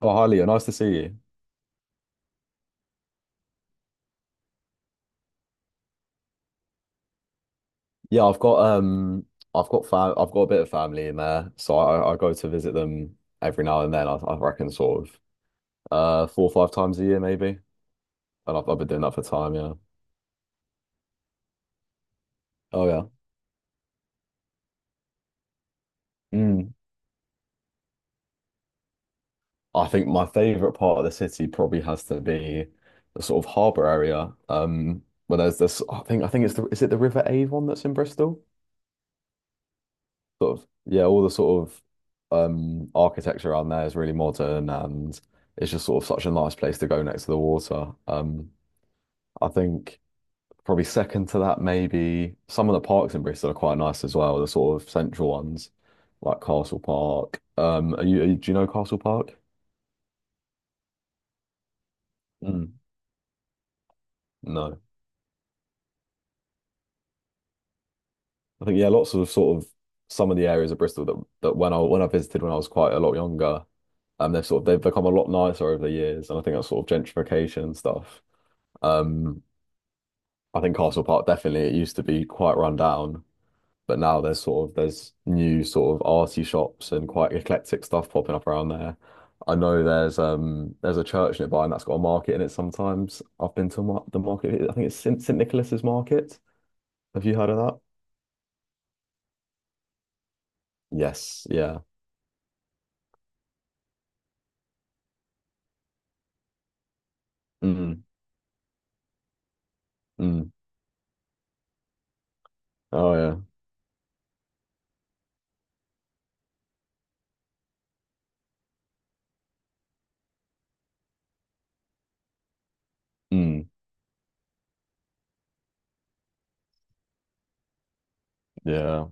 Oh, hi Leo, nice to see you. Yeah, I've got a bit of family in there, so I go to visit them every now and then. I reckon sort of four or five times a year maybe, and I've been doing that for time. Yeah. Oh yeah. Mm. I think my favorite part of the city probably has to be the sort of harbour area. Where there's this, I think it's the is it the River Avon that's in Bristol? Sort of yeah, all the sort of architecture around there is really modern and it's just sort of such a nice place to go next to the water. I think probably second to that maybe some of the parks in Bristol are quite nice as well, the sort of central ones like Castle Park. Do you know Castle Park? Mm, no. I think yeah, lots of sort of some of the areas of Bristol that when I visited when I was quite a lot younger, they've sort of they've become a lot nicer over the years and I think that's sort of gentrification and stuff. Um, I think Castle Park definitely it used to be quite run down, but now there's new sort of arty shops and quite eclectic stuff popping up around there. I know there's a church nearby and that's got a market in it sometimes. I've been to mar the market. I think it's St Nicholas's Market. Have you heard of that? Yes. Yeah. Mm, mm. Oh yeah. Mm, yeah.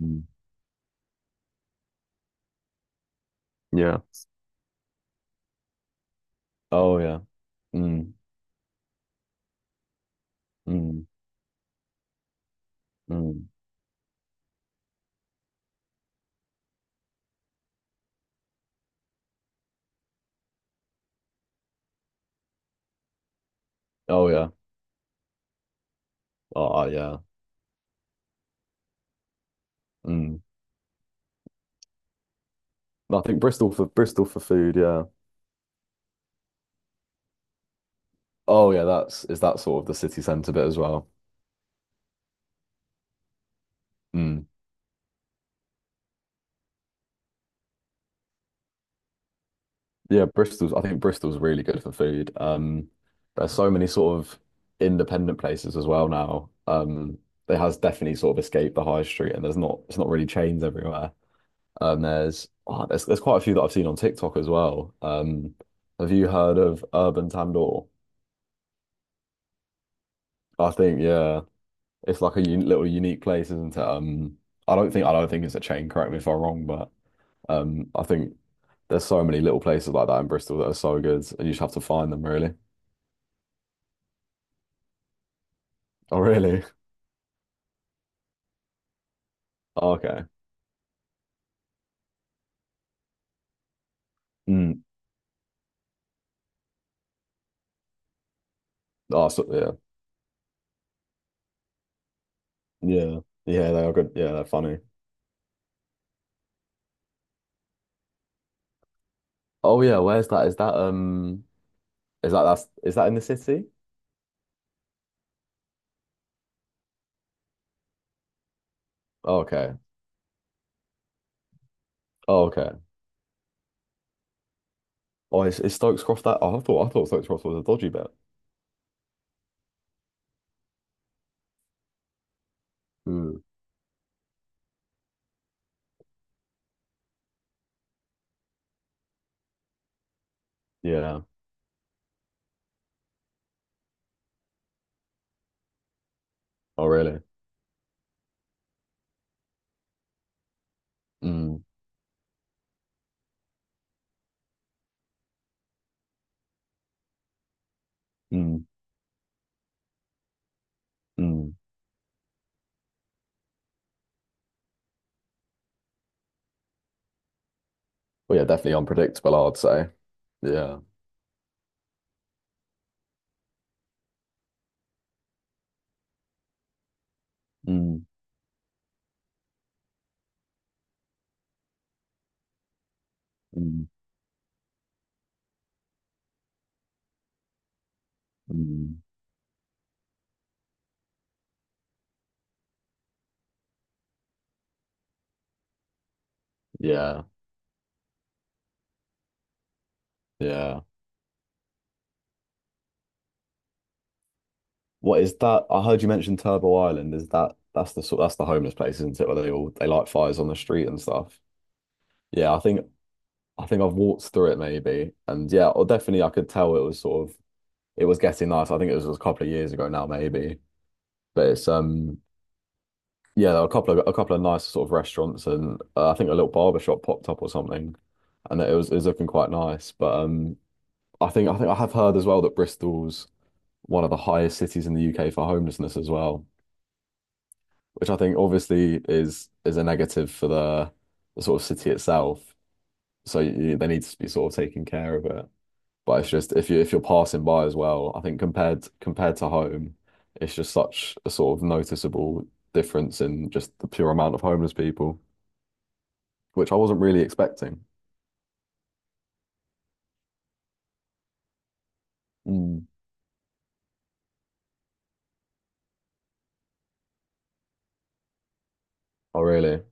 Mm, yeah. Oh yeah. Mm, mm, mm. Oh yeah. Oh, yeah. Mm. No, I think Bristol for food, yeah. Oh yeah, that's is that sort of the city centre bit as well? Mm. Yeah, Bristol's I think Bristol's really good for food. There's so many sort of independent places as well now. It has definitely sort of escaped the high street and there's not it's not really chains everywhere. There's oh, there's quite a few that I've seen on TikTok as well. Have you heard of Urban Tandoor? I think yeah. It's like a un little unique place, isn't it? I don't think it's a chain, correct me if I'm wrong, but I think there's so many little places like that in Bristol that are so good, and you just have to find them, really. Oh, really? Oh, okay. Mm. Oh, so, yeah. Yeah. Yeah, they are good. Yeah, they're funny. Oh yeah, where's that? Is that in the city? Oh, okay. Oh, okay. Oh, is Stokes Cross that? Oh, I thought Stokes Cross was a dodgy bet. Mm. Yeah. Oh, really? Mm. Mm. Mm. Well, yeah, definitely unpredictable, I'd say. Yeah. Mm, mm, mm. Yeah. Yeah. What is that? I heard you mention Turbo Island. Is that that's the sort that's the homeless place, isn't it? Where they light fires on the street and stuff. Yeah, I think I've walked through it maybe, and yeah, or definitely I could tell it was getting nice. I think it was a couple of years ago now maybe, but it's yeah, there were a couple of nice sort of restaurants and I think a little barber shop popped up or something, and it was looking quite nice. But I think I have heard as well that Bristol's one of the highest cities in the UK for homelessness as well, which I think obviously is a negative for the sort of city itself. So they need to be sort of taking care of it. But it's just if you're passing by as well, I think compared to home, it's just such a sort of noticeable difference in just the pure amount of homeless people, which I wasn't really expecting. Mm. Oh, really?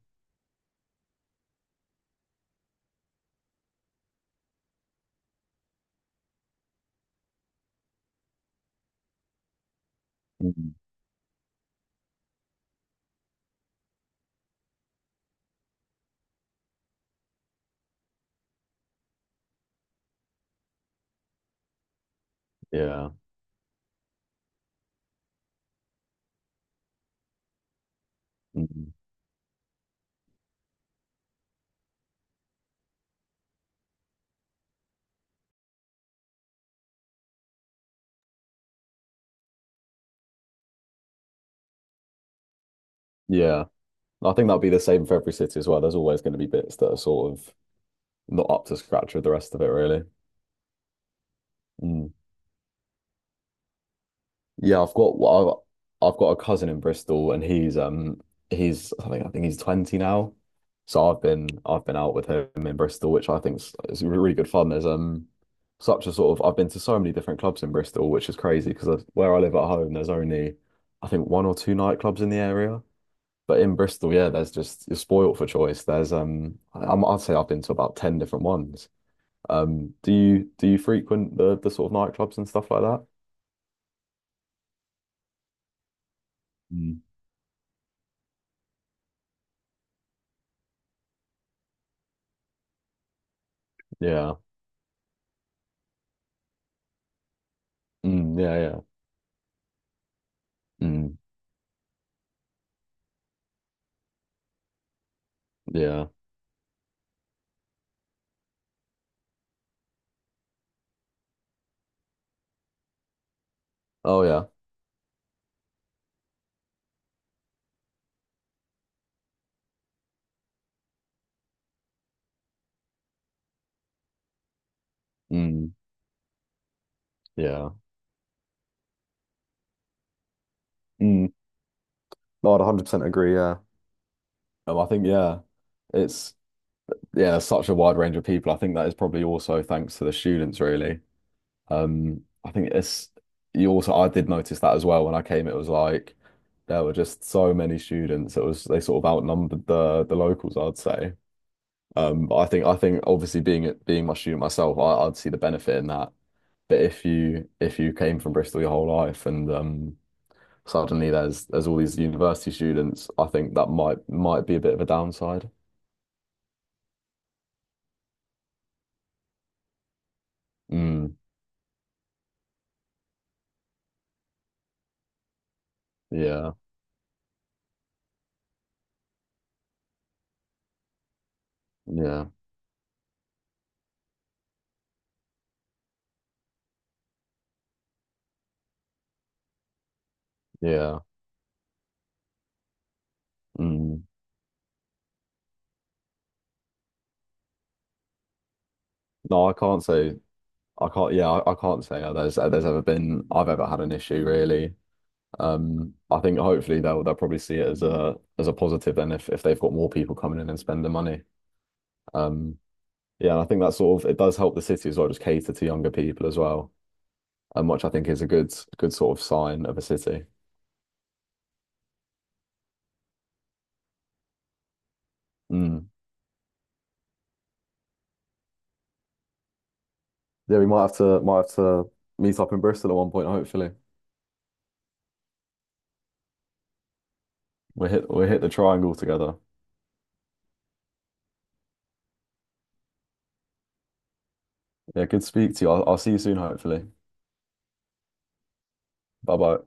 Mm. Yeah. Mm. Yeah. I think that'll be the same for every city as well. There's always going to be bits that are sort of not up to scratch with the rest of it, really. Mm. Yeah, I've got well, I've got a cousin in Bristol, and he's I think he's 20 now. So I've been out with him in Bristol, which I think is really good fun. There's such a sort of I've been to so many different clubs in Bristol, which is crazy because where I live at home, there's only I think one or two nightclubs in the area. But in Bristol, yeah, there's just you're spoilt for choice. I'd say I've been to about 10 different ones. Do you frequent the sort of nightclubs and stuff like that? Mm. Yeah. Mm, yeah, yeah. Mm, yeah. Oh, yeah. Mm, yeah. Mm. No, I'd 100% agree. Yeah. I think, yeah, it's, yeah, there's such a wide range of people. I think that is probably also thanks to the students, really. I think you also, I did notice that as well when I came. It was like, there were just so many students. It was, they sort of outnumbered the locals, I'd say. But I think obviously being my student myself, I'd see the benefit in that. But if you came from Bristol your whole life and, suddenly there's all these university students. I think that might be a bit of a downside. Mm, yeah, yeah, yeah. Mm. No, I can't say I can't. Yeah, I can't say there's ever been I've ever had an issue really. I think hopefully they'll probably see it as a positive then if they've got more people coming in and spending money. Um, yeah, and I think that sort of it does help the city as well, just cater to younger people as well, which I think is a good sort of sign of a city. Mm. Yeah, we might have to meet up in Bristol at one point, hopefully. We hit the triangle together. Yeah, good to speak to you. I'll see you soon, hopefully. Bye bye.